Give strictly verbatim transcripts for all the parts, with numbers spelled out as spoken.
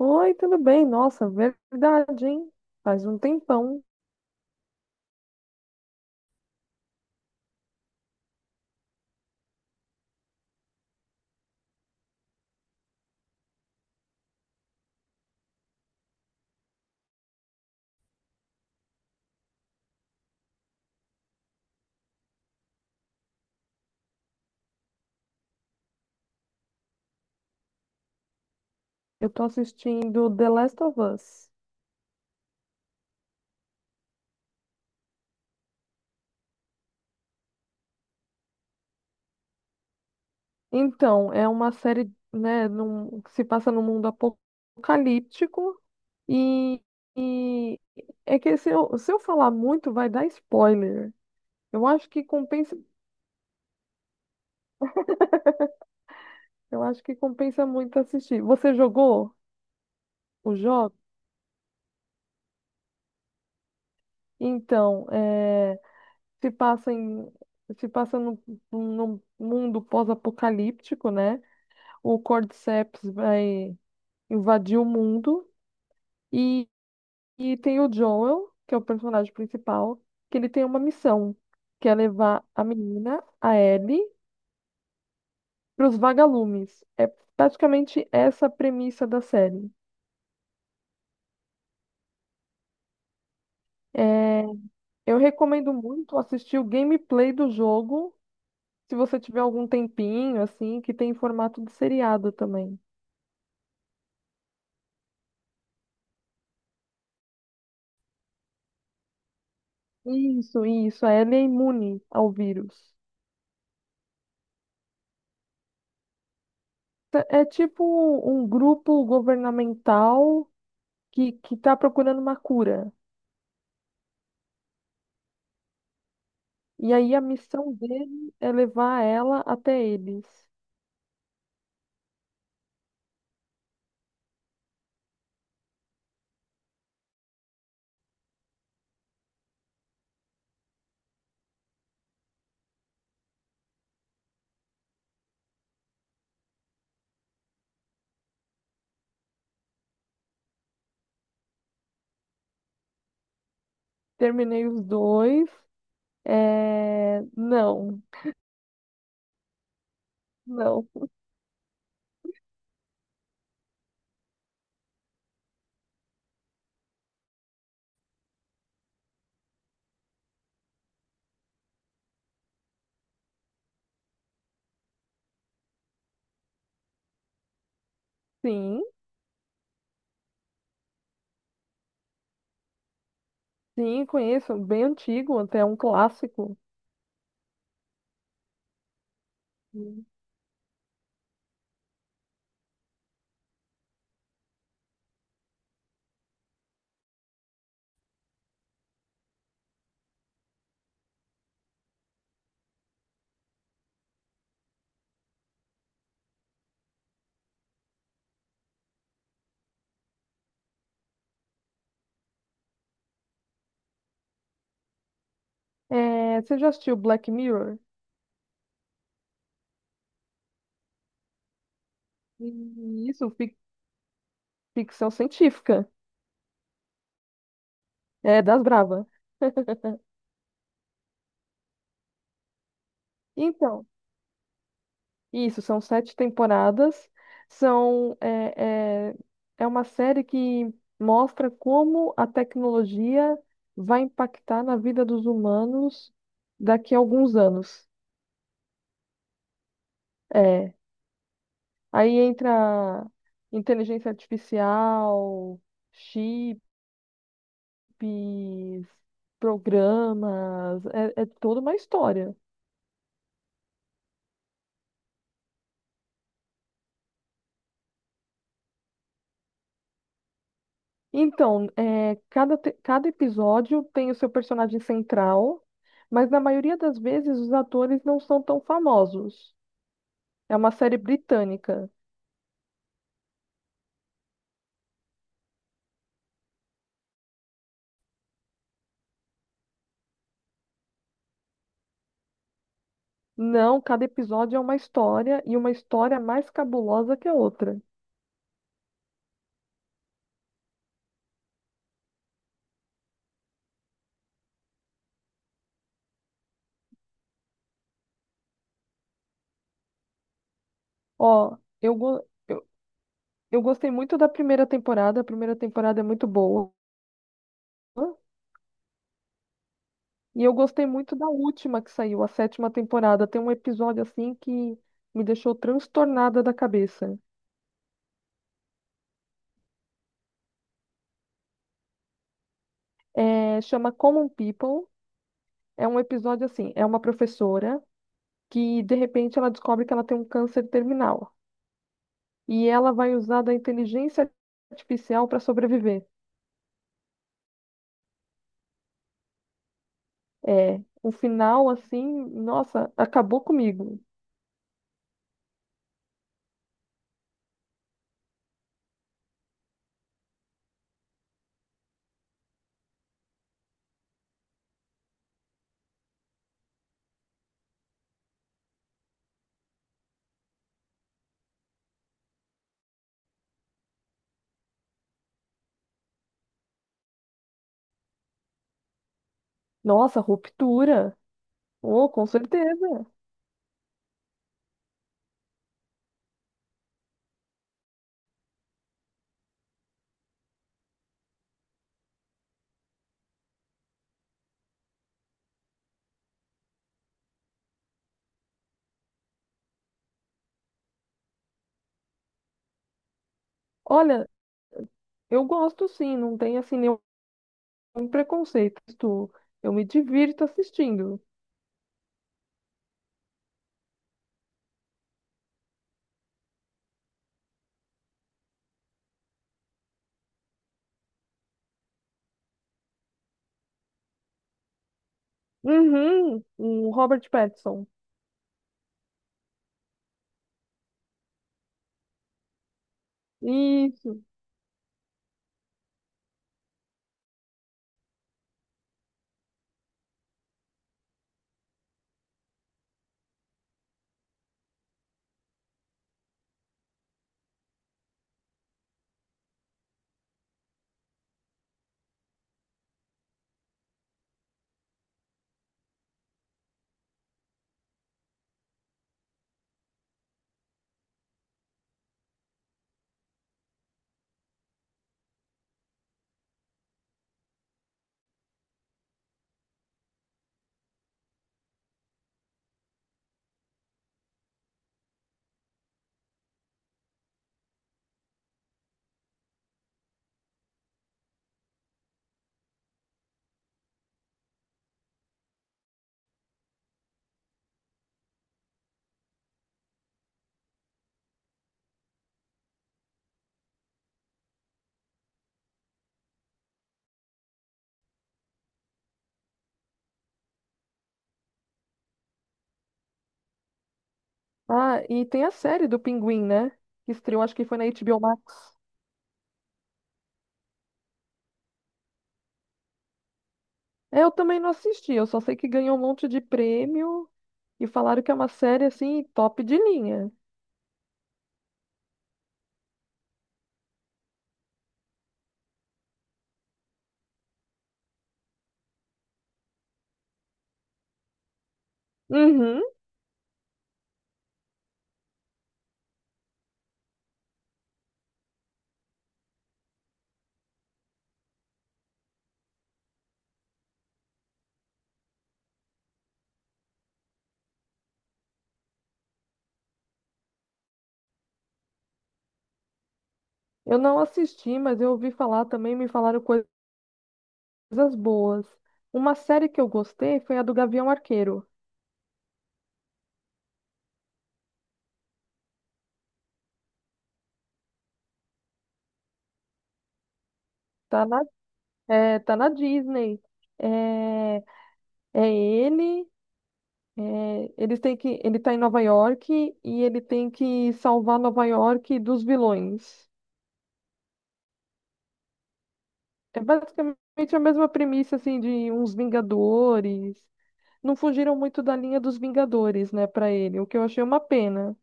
Oi, tudo bem? Nossa, verdade, hein? Faz um tempão. Eu tô assistindo The Last of Us. Então, é uma série, né, num- que se passa num mundo apocalíptico e, e é que se eu, se eu falar muito vai dar spoiler. Eu acho que compensa, eu acho que compensa muito assistir. Você jogou o jogo? Então, é, se passa em, se passa num num mundo pós-apocalíptico, né? O Cordyceps vai invadir o mundo e, e tem o Joel, que é o personagem principal, que ele tem uma missão, que é levar a menina, a Ellie, para os vagalumes. É praticamente essa a premissa da série. É, eu recomendo muito assistir o gameplay do jogo, se você tiver algum tempinho, assim, que tem em formato de seriado também. Isso, isso, a Ellie é imune ao vírus. Tá- É tipo um um grupo governamental que, que tá procurando uma cura. E aí a missão dele é levar ela até eles. Terminei os dois. É... Não, não. Sim, sim, conheço. Bem antigo, até um clássico. Sim. É... Você já assistiu Black Mirror? Isso, fic- ficção científica. É, das brava. Então, isso, são sete temporadas. São, é, é, é uma série que mostra como a tecnologia vai impactar na vida dos humanos daqui a alguns anos. É, aí entra inteligência artificial, chips, programas, é é toda uma história. Então, é, cada, te- cada episódio tem o seu personagem central, mas na maioria das vezes os atores não são tão famosos. É uma série britânica. Não, cada episódio é uma história e uma história mais cabulosa que a outra. Ó, eu, go- eu, eu gostei muito da primeira temporada, a primeira temporada é muito boa. E eu gostei muito da última que saiu, a sétima temporada. Tem um episódio assim que me deixou transtornada da cabeça. É, chama Common People. É um episódio assim, é uma professora que de repente ela descobre que ela tem um câncer terminal e ela vai usar da inteligência artificial para sobreviver. É, o final assim, nossa, acabou comigo. Nossa, ruptura. Oh, com certeza. Olha, eu gosto sim, não tem assim nenhum preconceito. Isto, eu me divirto assistindo. Uhum, o Robert Pattinson. Isso. Ah, e tem a série do Pinguim, né? Que estreou, acho que foi na H B O Max. É, Eu também não assisti, eu só sei que ganhou um monte de prêmio e falaram que é uma série assim top de linha. Uhum. Eu não assisti, mas eu ouvi falar também, me falaram coisas boas. Uma série que eu gostei foi a do Gavião Arqueiro. Tá na, é, tá na Disney. É, é ele, é, eles têm que, ele tá em Nova York e ele tem que salvar Nova York dos vilões. É basicamente a mesma premissa assim de uns Vingadores. Não fugiram muito da linha dos Vingadores, né, pra ele, o que eu achei uma pena.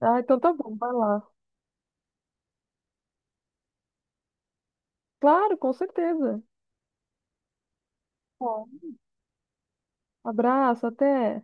Ah, então tá bom, vai lá. Claro, com certeza. Bom, abraço, até.